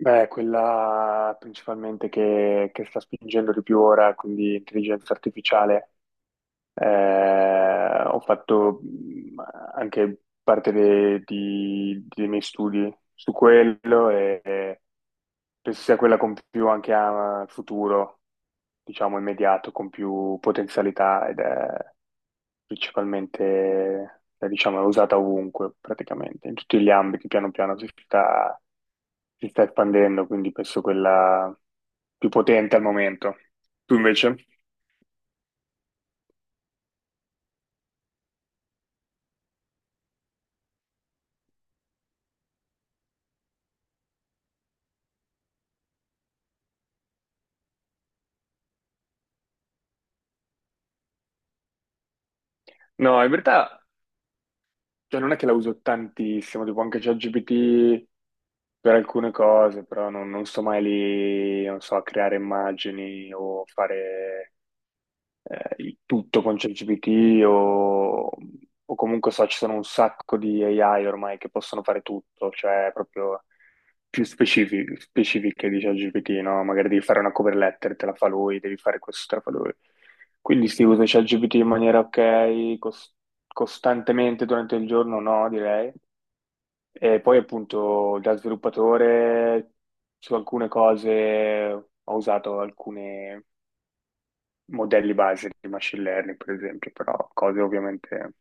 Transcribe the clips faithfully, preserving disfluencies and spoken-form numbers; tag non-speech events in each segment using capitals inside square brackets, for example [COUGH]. Beh, quella principalmente che, che sta spingendo di più ora, quindi intelligenza artificiale. Eh, ho fatto mh, anche parte de- di- dei miei studi su quello e penso sia quella con più anche a futuro, diciamo immediato, con più potenzialità ed è principalmente, eh, diciamo, è usata ovunque praticamente, in tutti gli ambiti, piano piano si sta, si sta espandendo, quindi penso quella più potente al momento. Tu invece? No, in verità cioè, non è che la uso tantissimo, tipo anche ChatGPT per alcune cose, però non, non sto mai lì, non so, a creare immagini o fare eh, il tutto con ChatGPT o, o comunque so, ci sono un sacco di A I ormai che possono fare tutto, cioè proprio più specifi- specifiche di ChatGPT, no? Magari devi fare una cover letter, te la fa lui, devi fare questo, te la fa lui. Quindi si usa ChatGPT in maniera ok, cos- costantemente durante il giorno, no, direi. E poi appunto da sviluppatore su alcune cose ho usato alcune modelli base di machine learning, per esempio, però cose ovviamente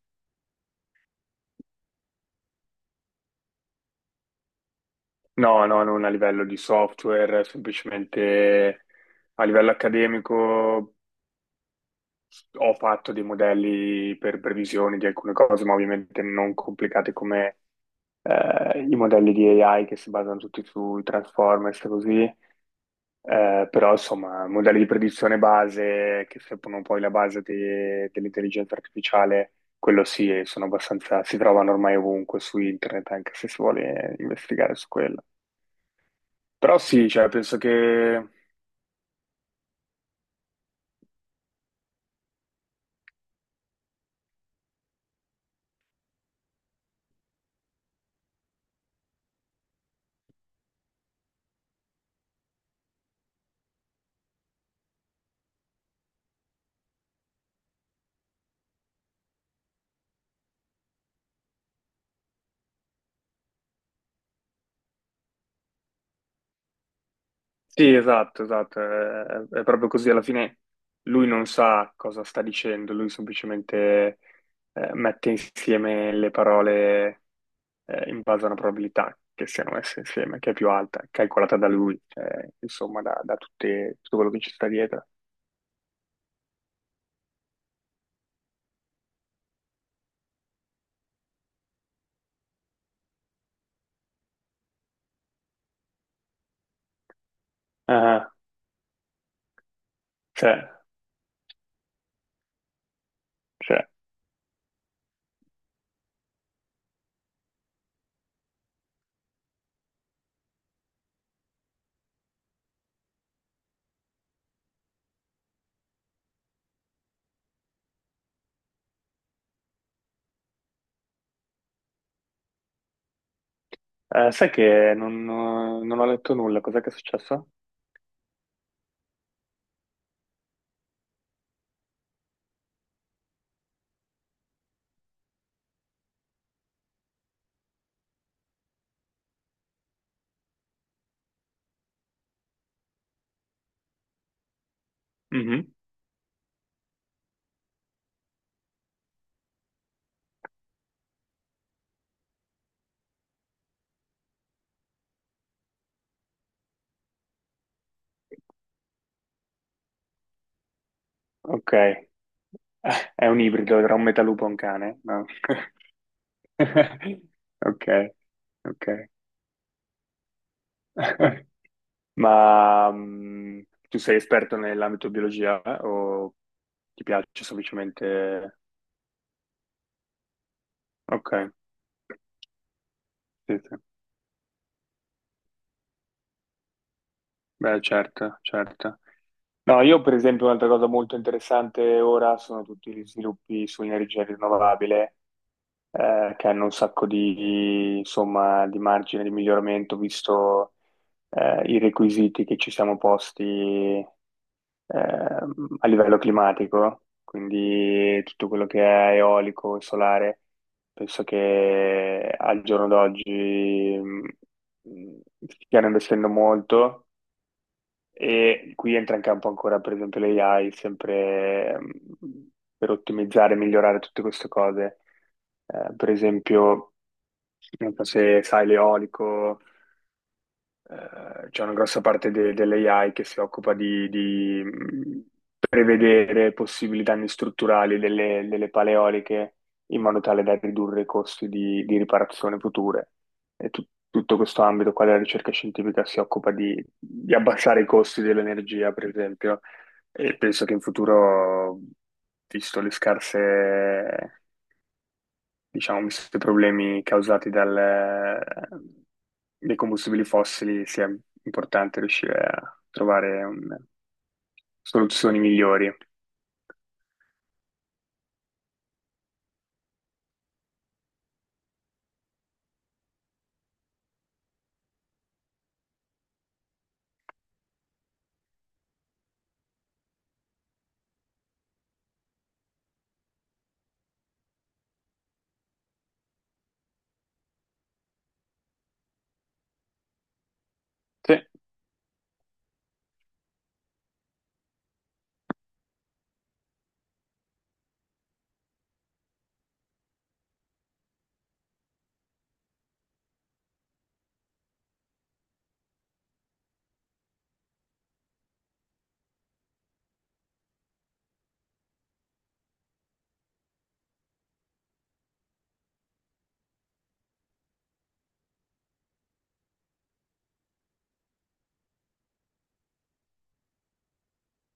no, no, non a livello di software, semplicemente a livello accademico ho fatto dei modelli per previsioni di alcune cose, ma ovviamente non complicate come eh, i modelli di A I che si basano tutti sui Transformers e così. Eh, però insomma, modelli di predizione base che servono poi la base de- dell'intelligenza artificiale, quello sì, e sono abbastanza, si trovano ormai ovunque su internet, anche se si vuole investigare su quello. Però sì, cioè, penso che sì, esatto, esatto, eh, è proprio così. Alla fine lui non sa cosa sta dicendo, lui semplicemente eh, mette insieme le parole eh, in base a una probabilità che siano messe insieme, che è più alta, calcolata da lui, cioè, insomma, da, da tutte- tutto quello che ci sta dietro. Ah, c'è, c'è. Eh, sai che non, non ho letto nulla, cos'è che è successo? Mhm. Ok, Eh, è un ibrido tra un metalupo e un cane, no? [LAUGHS] Ok, ok. [LAUGHS] Ma mm, tu sei esperto nell'ambito biologia eh, o ti piace semplicemente? Ok, sì, sì. Beh, certo, certo. No, io per esempio un'altra cosa molto interessante ora sono tutti gli sviluppi sull'energia rinnovabile, eh, che hanno un sacco di, insomma, di margine di miglioramento, visto, eh, i requisiti che ci siamo posti, ehm, a livello climatico, quindi tutto quello che è eolico e solare. Penso che al giorno d'oggi mh, stiano investendo molto e qui entra in campo ancora, per esempio, l'A I, sempre ehm, per ottimizzare e migliorare tutte queste cose. Eh, per esempio, non so se sai l'eolico, eh, c'è una grossa parte de- dell'A I che si occupa di, di, mh, prevedere possibili danni strutturali delle, delle paleoliche in modo tale da ridurre i costi di, di riparazione future. E tu- Tutto questo ambito qua della ricerca scientifica si occupa di, di abbassare i costi dell'energia, per esempio, e penso che in futuro, visto le scarse diciamo, visto i problemi causati dal, eh, dai combustibili fossili, sia importante riuscire a trovare un- soluzioni migliori. Sì,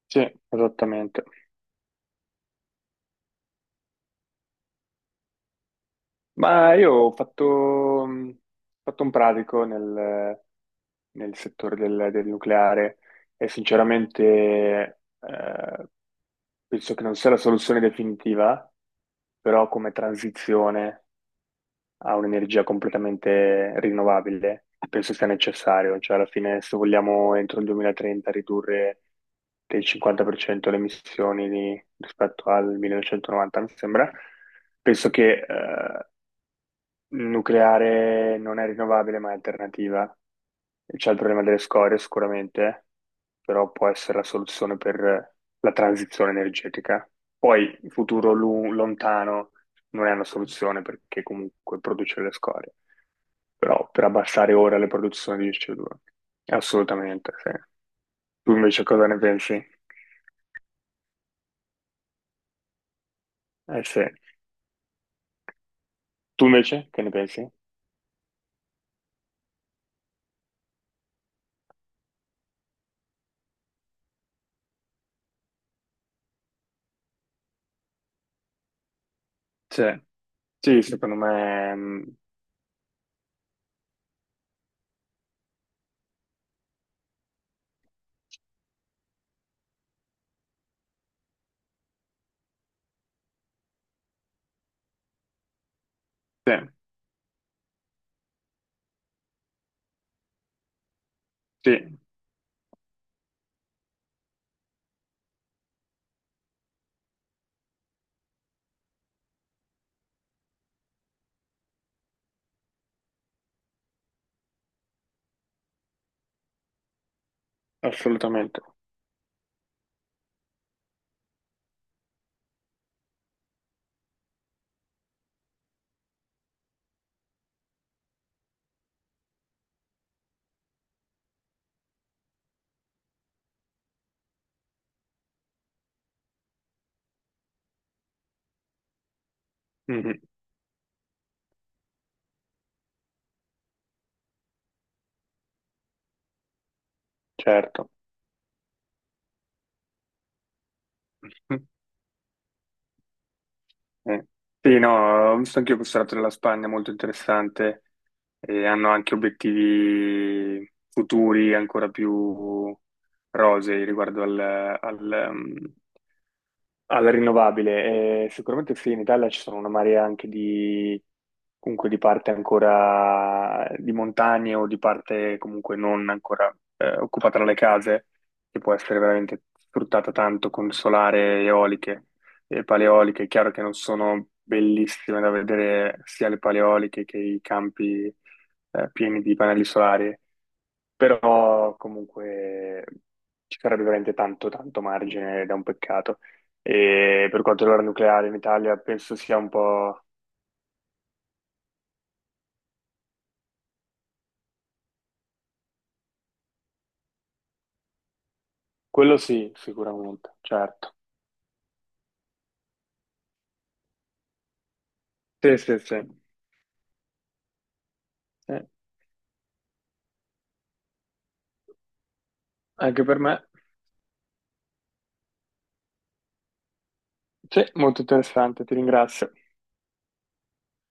sì, esattamente. Ma io ho fatto, mh, fatto un pratico nel, nel settore del, del nucleare e sinceramente eh, penso che non sia la soluzione definitiva, però come transizione. A un'energia completamente rinnovabile, penso sia necessario, cioè alla fine se vogliamo entro il duemilatrenta ridurre del cinquanta per cento le emissioni di- rispetto al millenovecentonovanta, mi sembra, penso che eh, nucleare non è rinnovabile, ma è alternativa. C'è il problema delle scorie sicuramente, però può essere la soluzione per la transizione energetica. Poi, in futuro lu- lontano non è una soluzione perché comunque produce le scorie, però per abbassare ora le produzioni di C O due. Assolutamente, sì. Tu invece cosa ne pensi? Eh sì. Tu invece che ne pensi? Sì, sì, secondo me mm, sì, sì. Assolutamente. Mhm. Certo. Mhm. Eh. Sì, no, ho visto anch'io questo lato della Spagna, molto interessante, e hanno anche obiettivi futuri ancora più rosei riguardo al, al, ehm, alla rinnovabile, eh, sicuramente sì, in Italia ci sono una marea anche di, comunque di parte ancora di montagne o di parte comunque non ancora eh, occupata dalle case, che può essere veramente sfruttata tanto con solare, eoliche e paleoliche. È chiaro che non sono bellissime da vedere sia le paleoliche che i campi eh, pieni di pannelli solari, però comunque ci sarebbe veramente tanto, tanto margine ed è un peccato. E per quanto riguarda il nucleare in Italia, penso sia un po'. Quello sì, sicuramente, certo. Sì, sì, sì. Sì, anche per me. Sì, molto interessante, ti ringrazio.